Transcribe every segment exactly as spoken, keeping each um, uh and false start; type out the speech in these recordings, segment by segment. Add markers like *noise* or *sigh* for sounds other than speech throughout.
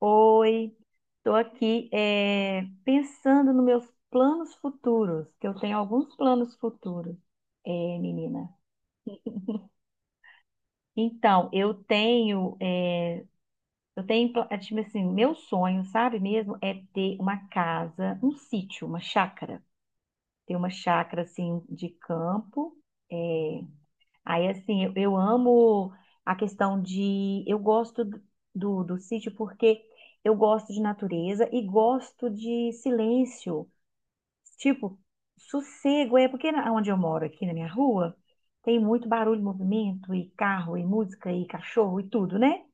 Oi, estou aqui eh, pensando nos meus planos futuros, que eu tenho alguns planos futuros, eh, menina. Então, eu tenho, eh, eu tenho, pla- eh, tipo assim, meu sonho, sabe mesmo, é ter uma casa, um sítio, uma chácara. Ter uma chácara, assim, de campo, é. Aí, assim, eu, eu amo a questão de. Eu gosto do, do, do sítio porque eu gosto de natureza e gosto de silêncio. Tipo, sossego. É porque na- onde eu moro, aqui na minha rua, tem muito barulho, movimento, e carro, e música, e cachorro, e tudo, né?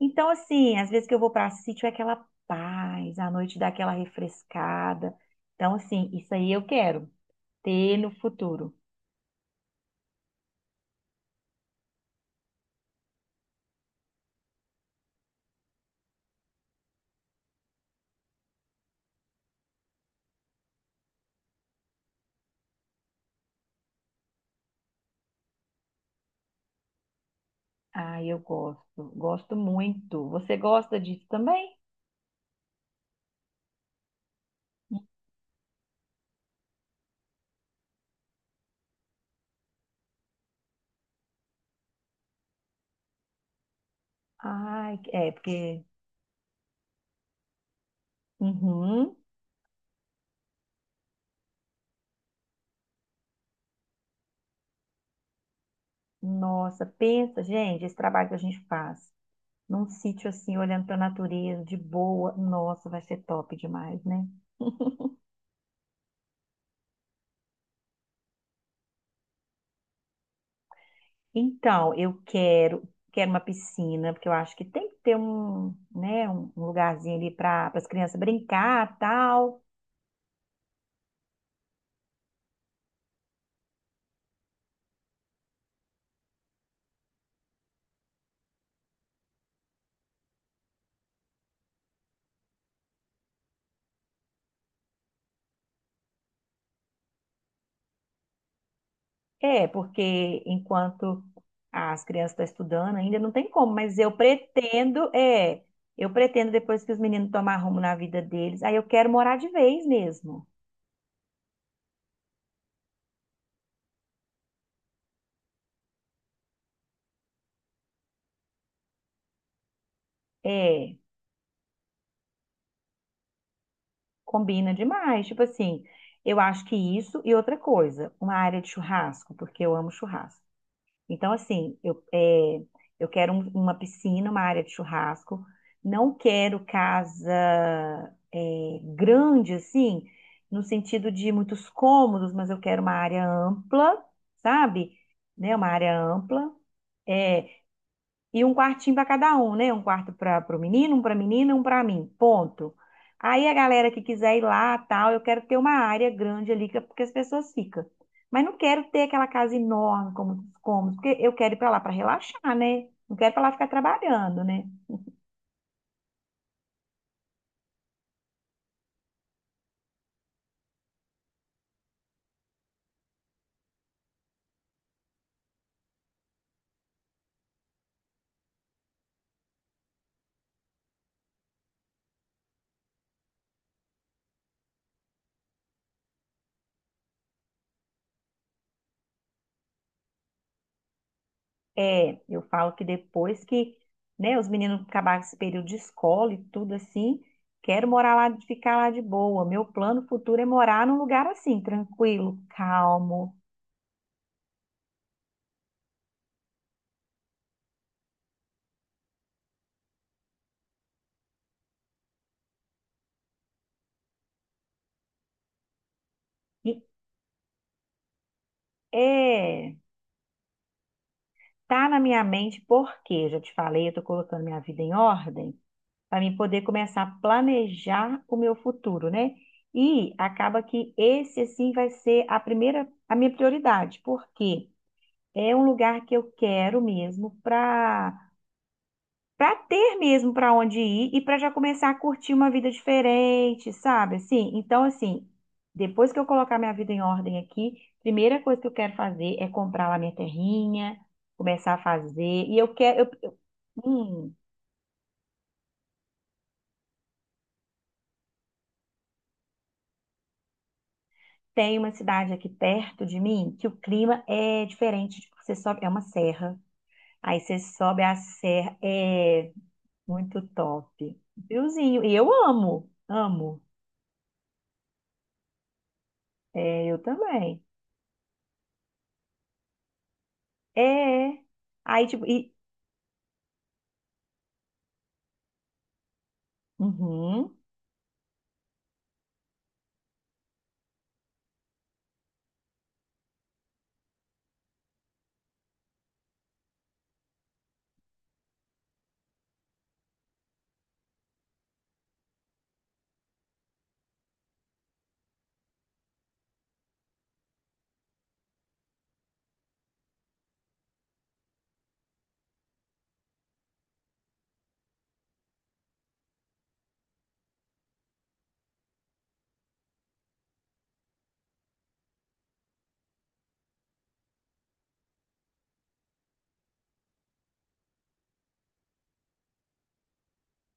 Então, assim, às vezes que eu vou para sítio é aquela paz, à noite dá aquela refrescada. Então, assim, isso aí eu quero ter no futuro. Ah, eu gosto, gosto muito. Você gosta disso também? Ai, é, porque. Uhum. Nossa, pensa, gente, esse trabalho que a gente faz num sítio assim, olhando para a natureza, de boa, nossa, vai ser top demais, né? Então, eu quero, quero uma piscina, porque eu acho que tem que ter um, né, um um lugarzinho ali para as crianças brincar, tal. É, porque enquanto as crianças estão estudando, ainda não tem como, mas eu pretendo, é, eu pretendo depois que os meninos tomar rumo na vida deles, aí eu quero morar de vez mesmo. É, combina demais, tipo assim, eu acho que isso e outra coisa, uma área de churrasco, porque eu amo churrasco. Então, assim, eu, é, eu quero um- uma piscina, uma área de churrasco. Não quero casa é, grande, assim, no sentido de muitos cômodos, mas eu quero uma área ampla, sabe? Né? Uma área ampla. É, e um quartinho para cada um, né? Um quarto para o menino, um para a menina, um para mim. Ponto. Aí a galera que quiser ir lá, tal, eu quero ter uma área grande ali, que- é porque as pessoas ficam. Mas não quero ter aquela casa enorme, como os cômodos, porque eu quero ir para lá para relaxar, né? Não quero para lá ficar trabalhando, né? É, eu falo que depois que, né, os meninos acabarem esse período de escola e tudo assim, quero morar lá, ficar lá de boa. Meu plano futuro é morar num lugar assim, tranquilo, calmo. E é. Tá na minha mente porque, já te falei, eu tô colocando minha vida em ordem para mim poder começar a planejar o meu futuro, né? E acaba que esse assim vai ser a primeira, a minha prioridade, porque é um lugar que eu quero mesmo para para ter mesmo para onde ir e para já começar a curtir uma vida diferente, sabe? Assim, então assim, depois que eu colocar minha vida em ordem aqui, primeira coisa que eu quero fazer é comprar lá minha terrinha começar a fazer. E eu quero, eu Hum, tem uma cidade aqui perto de mim que o clima é diferente. Tipo, você sobe, é uma serra. Aí você sobe a serra, é muito top. Friozinho. E eu amo, amo. É, eu também. É. Aí, tipo, e. Uhum,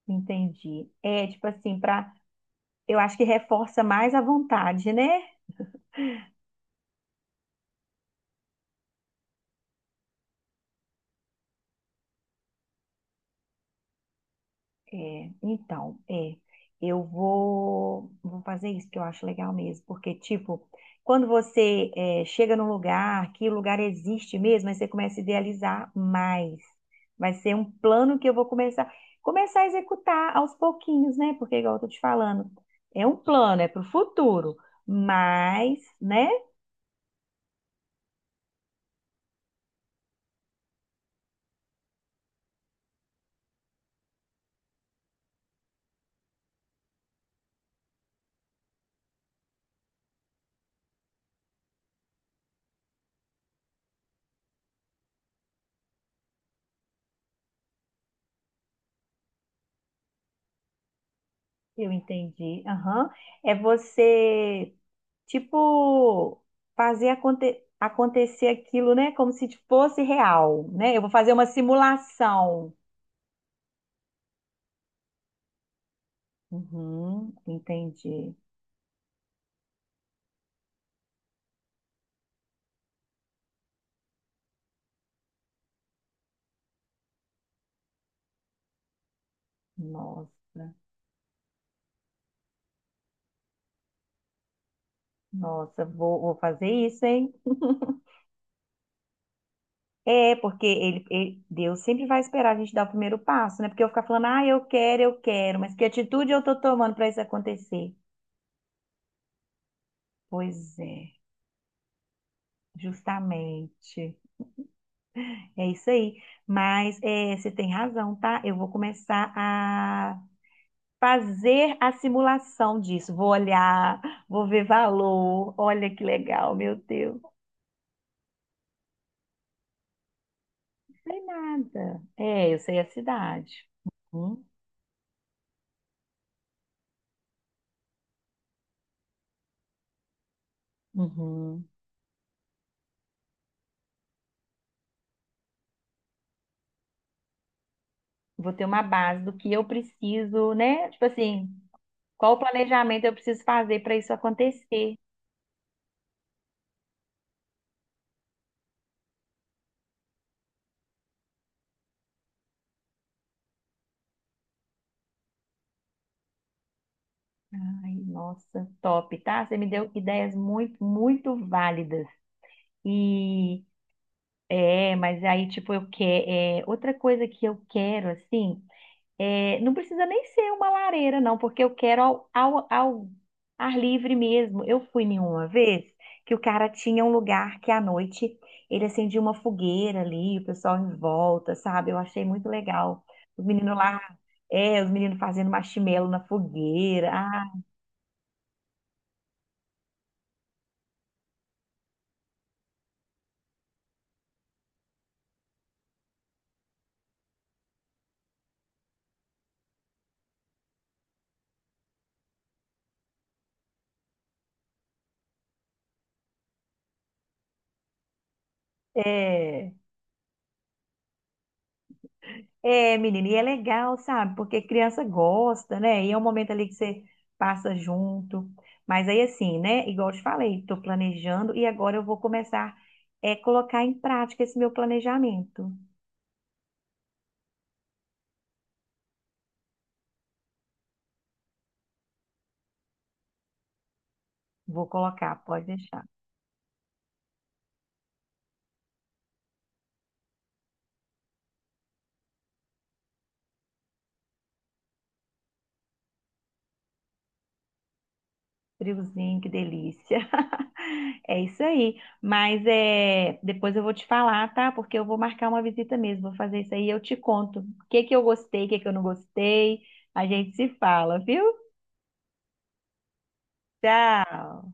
entendi. É, tipo assim, pra. Eu acho que reforça mais a vontade, né? É, então, é, eu vou, vou fazer isso que eu acho legal mesmo, porque, tipo, quando você é, chega num lugar, que o lugar existe mesmo, aí você começa a idealizar mais. Vai ser um plano que eu vou começar, começar a executar aos pouquinhos, né? Porque, igual eu tô te falando, é um plano, é pro futuro, mas, né? Eu entendi. Aham. É você, tipo, fazer aconte- acontecer aquilo, né? Como se fosse real, né? Eu vou fazer uma simulação. Uhum, entendi. Nossa, nossa, vou, vou fazer isso, hein? É, porque ele, ele- Deus sempre vai esperar a gente dar o primeiro passo, né? Porque eu ficar falando, ah, eu quero, eu quero, mas que atitude eu tô tomando para isso acontecer? Pois é, justamente. É isso aí. Mas é, você tem razão, tá? Eu vou começar a fazer a simulação disso. Vou olhar, vou ver valor. Olha que legal, meu Deus. Não sei nada. É, eu sei a cidade. Uhum, uhum. Vou ter uma base do que eu preciso, né? Tipo assim, qual o planejamento eu preciso fazer para isso acontecer? Ai, nossa, top, tá? Você me deu ideias muito, muito válidas. E é, mas aí, tipo, eu quero. É, outra coisa que eu quero, assim, é, não precisa nem ser uma lareira, não, porque eu quero ao, ao, ao ar livre mesmo. Eu fui nenhuma vez que o cara tinha um lugar que à noite ele acendia uma fogueira ali, o pessoal em volta, sabe? Eu achei muito legal. Os meninos lá, é, os meninos fazendo marshmallow na fogueira. Ah, é. É, menina, e é legal, sabe? Porque criança gosta, né? E é um momento ali que você passa junto. Mas aí, assim, né? Igual eu te falei, estou planejando e agora eu vou começar é, colocar em prática esse meu planejamento. Vou colocar, pode deixar. Friozinho, que delícia. *laughs* É isso aí. Mas é, depois eu vou te falar, tá? Porque eu vou marcar uma visita mesmo. Vou fazer isso aí e eu te conto. O que que eu gostei, o que que eu não gostei. A gente se fala, viu? Tchau.